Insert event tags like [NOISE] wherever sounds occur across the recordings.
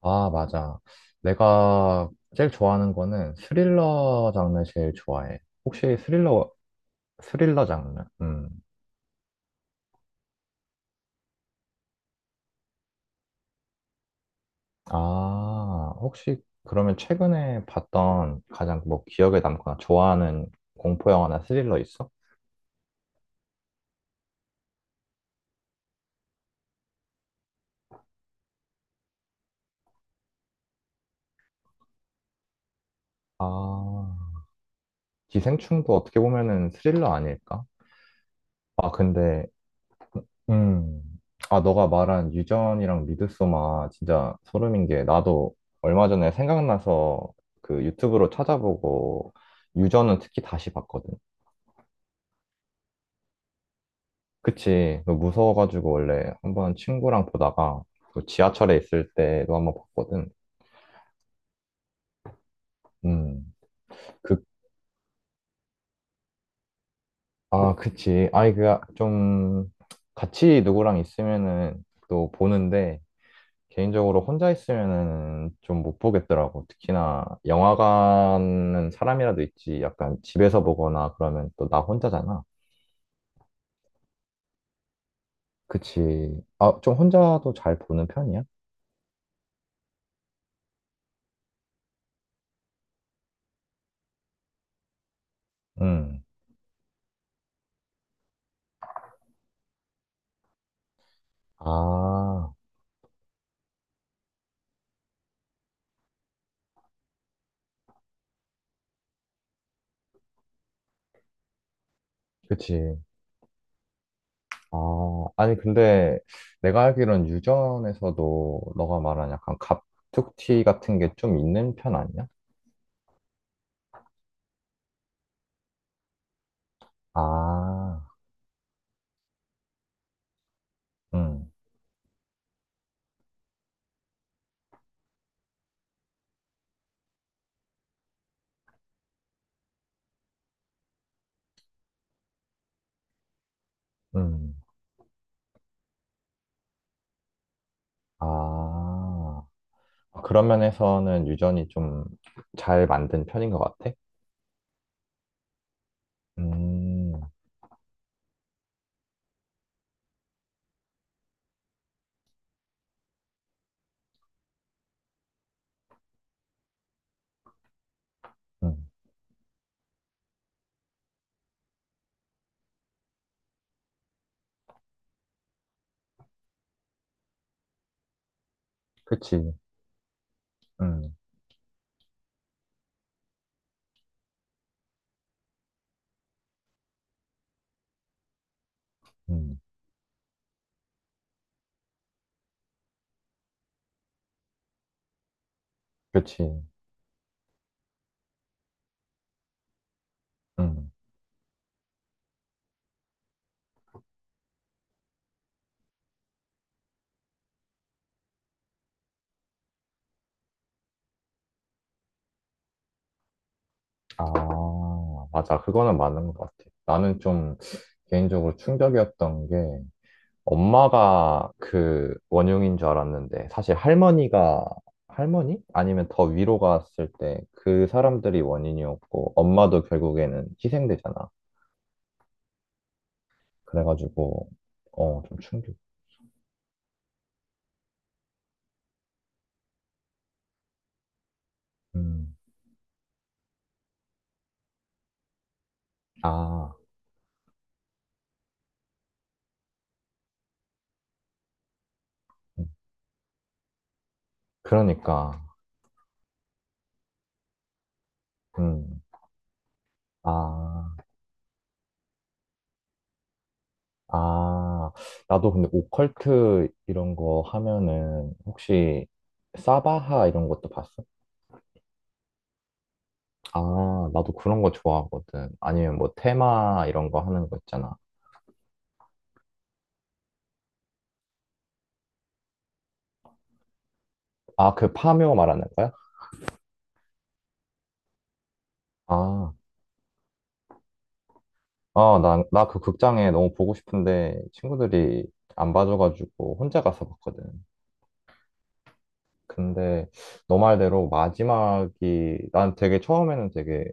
아, 맞아. 내가 제일 좋아하는 거는 스릴러 장르 제일 좋아해. 혹시 스릴러, 스릴러 장르? 음. 아, 혹시 그러면 최근에 봤던 가장 뭐 기억에 남거나 좋아하는 공포 영화나 스릴러 있어? 아, 기생충도 어떻게 보면은 스릴러 아닐까? 아, 근데 음. 아, 너가 말한 유전이랑 미드소마 진짜 소름인 게 나도 얼마 전에 생각나서 그 유튜브로 찾아보고 유전은 특히 다시 봤거든. 그치. 너 무서워가지고 원래 한번 친구랑 보다가 그 지하철에 있을 때도 한번 봤거든. 음. 그, 아, 그치. 아이, 그, 좀 같이 누구랑 있으면은 또 보는데 개인적으로 혼자 있으면은 좀 못 보겠더라고. 특히나 영화관은 사람이라도 있지. 약간 집에서 보거나 그러면 또 나 혼자잖아. 그치. 아, 좀 혼자도 잘 보는 편이야? 응. 아, 그치. 아, 아니, 근데 내가 알기론 유전에서도 너가 말한 약간 갑툭튀 같은 게 좀 있는 편 아니야? 아, 응, 응. 아. 아, 그런 면에서는 유전이 좀 잘 만든 편인 것 같아? 음, 음, 그치. 음, 음, 그치. 음. 아, 맞아. 그거는 맞는 것 같아. 나는 좀 개인적으로 충격이었던 게 엄마가 그 원흉인 줄 알았는데 사실 할머니가 할머니? 아니면 더 위로 갔을 때 그 사람들이 원인이었고 엄마도 결국에는 희생되잖아. 그래가지고 어, 좀 충격. 음. 아. 음. 그러니까, 음, 아, 아, 나도 근데 오컬트 이런 거 하면은 혹시 사바하 이런 것도 봤어? 아, 나도 그런 거 좋아하거든. 아니면 뭐 테마 이런 거 하는 거 있잖아. 아, 그 파묘 말하는 거야? 아, 아, 나 그 극장에 너무 보고 싶은데 친구들이 안 봐줘가지고 혼자 가서 봤거든. 근데 너 말대로 마지막이 난 되게 처음에는 되게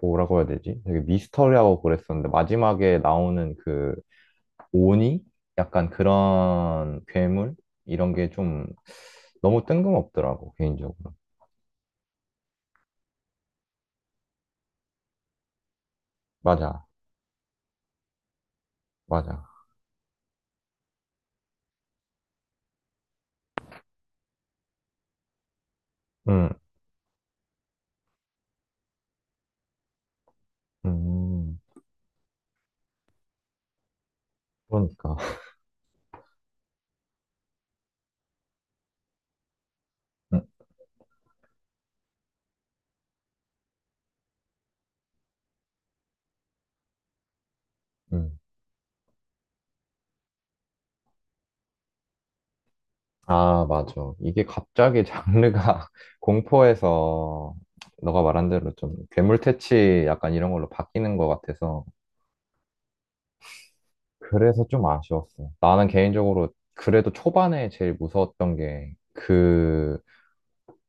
뭐라고 해야 되지? 되게 미스터리하고 그랬었는데 마지막에 나오는 그 오니? 약간 그런 괴물? 이런 게 좀 너무 뜬금없더라고 개인적으로. 맞아, 맞아. 음, 음, 그러니까. 응. 응. 아, 맞아. 이게 갑자기 장르가 [LAUGHS] 공포에서 너가 말한 대로 좀 괴물 퇴치 약간 이런 걸로 바뀌는 것 같아서 그래서 좀 아쉬웠어. 나는 개인적으로 그래도 초반에 제일 무서웠던 게그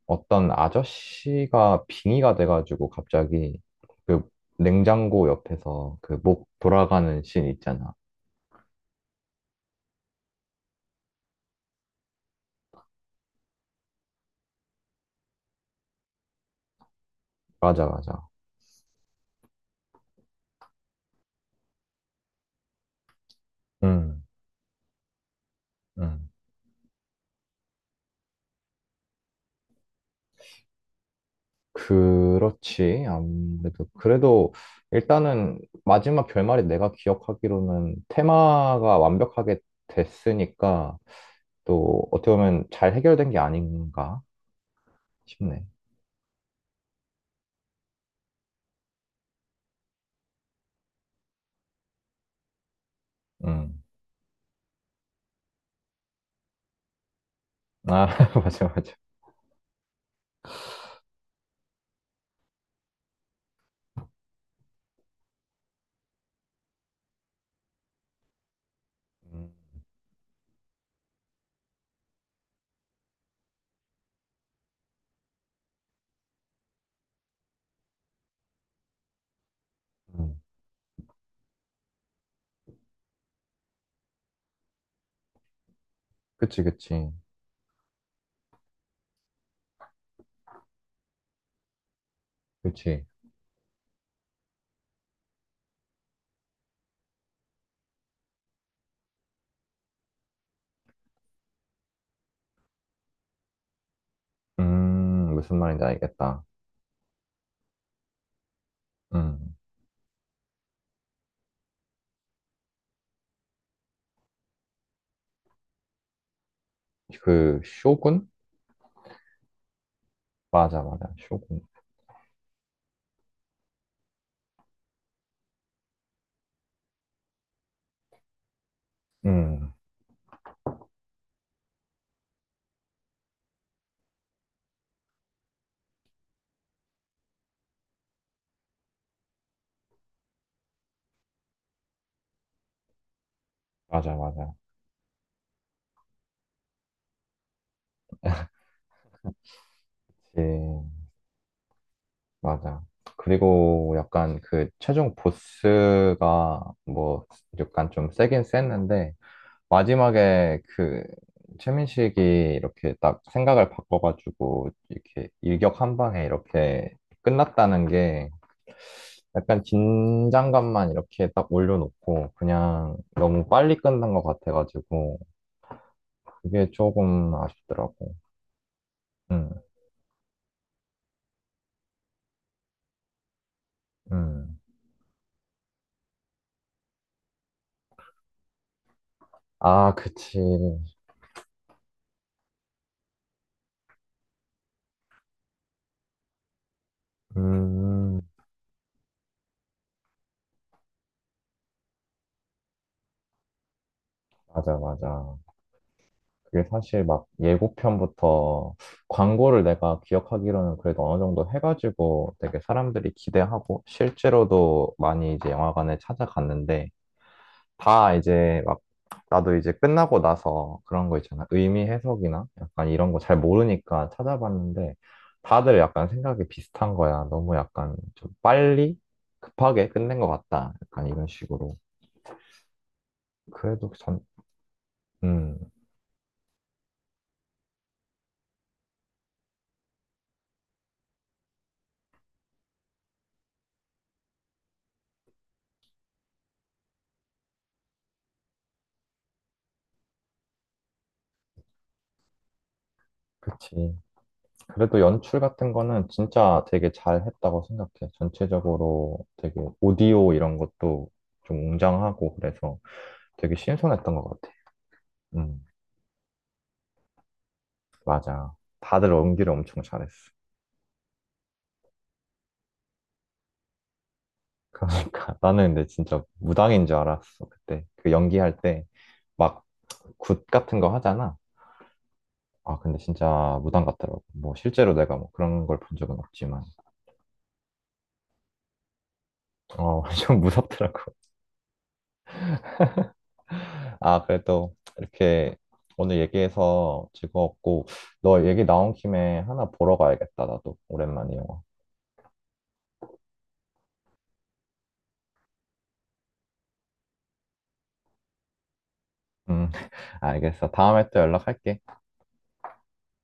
어떤 아저씨가 빙의가 돼가지고 갑자기 그 냉장고 옆에서 그 목 돌아가는 씬 있잖아. 맞아, 맞아. 음, 음. 그렇지. 아무래도. 그래도 일단은 마지막 결말이 내가 기억하기로는 테마가 완벽하게 됐으니까 또 어떻게 보면 잘 해결된 게 아닌가 싶네. 음. 아, [LAUGHS] 맞아, 맞아. 음. 음. 그치, 그치. 그치. 무슨 말인지 알겠다. 음. 그 쇼군? 맞아, 맞아. 쇼군. 음. 맞아, 맞아. 그치. 맞아. 그리고 약간 그 최종 보스가 뭐 약간 좀 세긴 셌는데 마지막에 그 최민식이 이렇게 딱 생각을 바꿔가지고 이렇게 일격 한 방에 이렇게 끝났다는 게 약간 긴장감만 이렇게 딱 올려놓고 그냥 너무 빨리 끝난 것 같아가지고 그게 조금 아쉽더라고. 음, 음. 아, 그치. 음, 맞아, 맞아. 그게 사실 막 예고편부터 광고를 내가 기억하기로는 그래도 어느 정도 해가지고 되게 사람들이 기대하고 실제로도 많이 이제 영화관에 찾아갔는데 다 이제 막 나도 이제 끝나고 나서 그런 거 있잖아. 의미 해석이나 약간 이런 거 잘 모르니까 찾아봤는데 다들 약간 생각이 비슷한 거야. 너무 약간 좀 빨리 급하게 끝낸 것 같다. 약간 이런 식으로. 그래도 전, 음, 그치. 그래도 연출 같은 거는 진짜 되게 잘 했다고 생각해. 전체적으로 되게 오디오 이런 것도 좀 웅장하고 그래서 되게 신선했던 것 같아. 음, 맞아. 다들 연기를 엄청 잘했어. 그러니까 [LAUGHS] 나는 근데 진짜 무당인 줄 알았어. 그때 그 연기할 때 막 굿 같은 거 하잖아. 아, 근데 진짜 무당 같더라고. 뭐 실제로 내가 뭐 그런 걸 본 적은 없지만, 어, [LAUGHS] 좀 무섭더라고. 아, 그래도 이렇게 오늘 얘기해서 즐거웠고, 너 얘기 나온 김에 하나 보러 가야겠다, 나도. 오랜만에 영화. 음, [LAUGHS] 알겠어. 다음에 또 연락할게.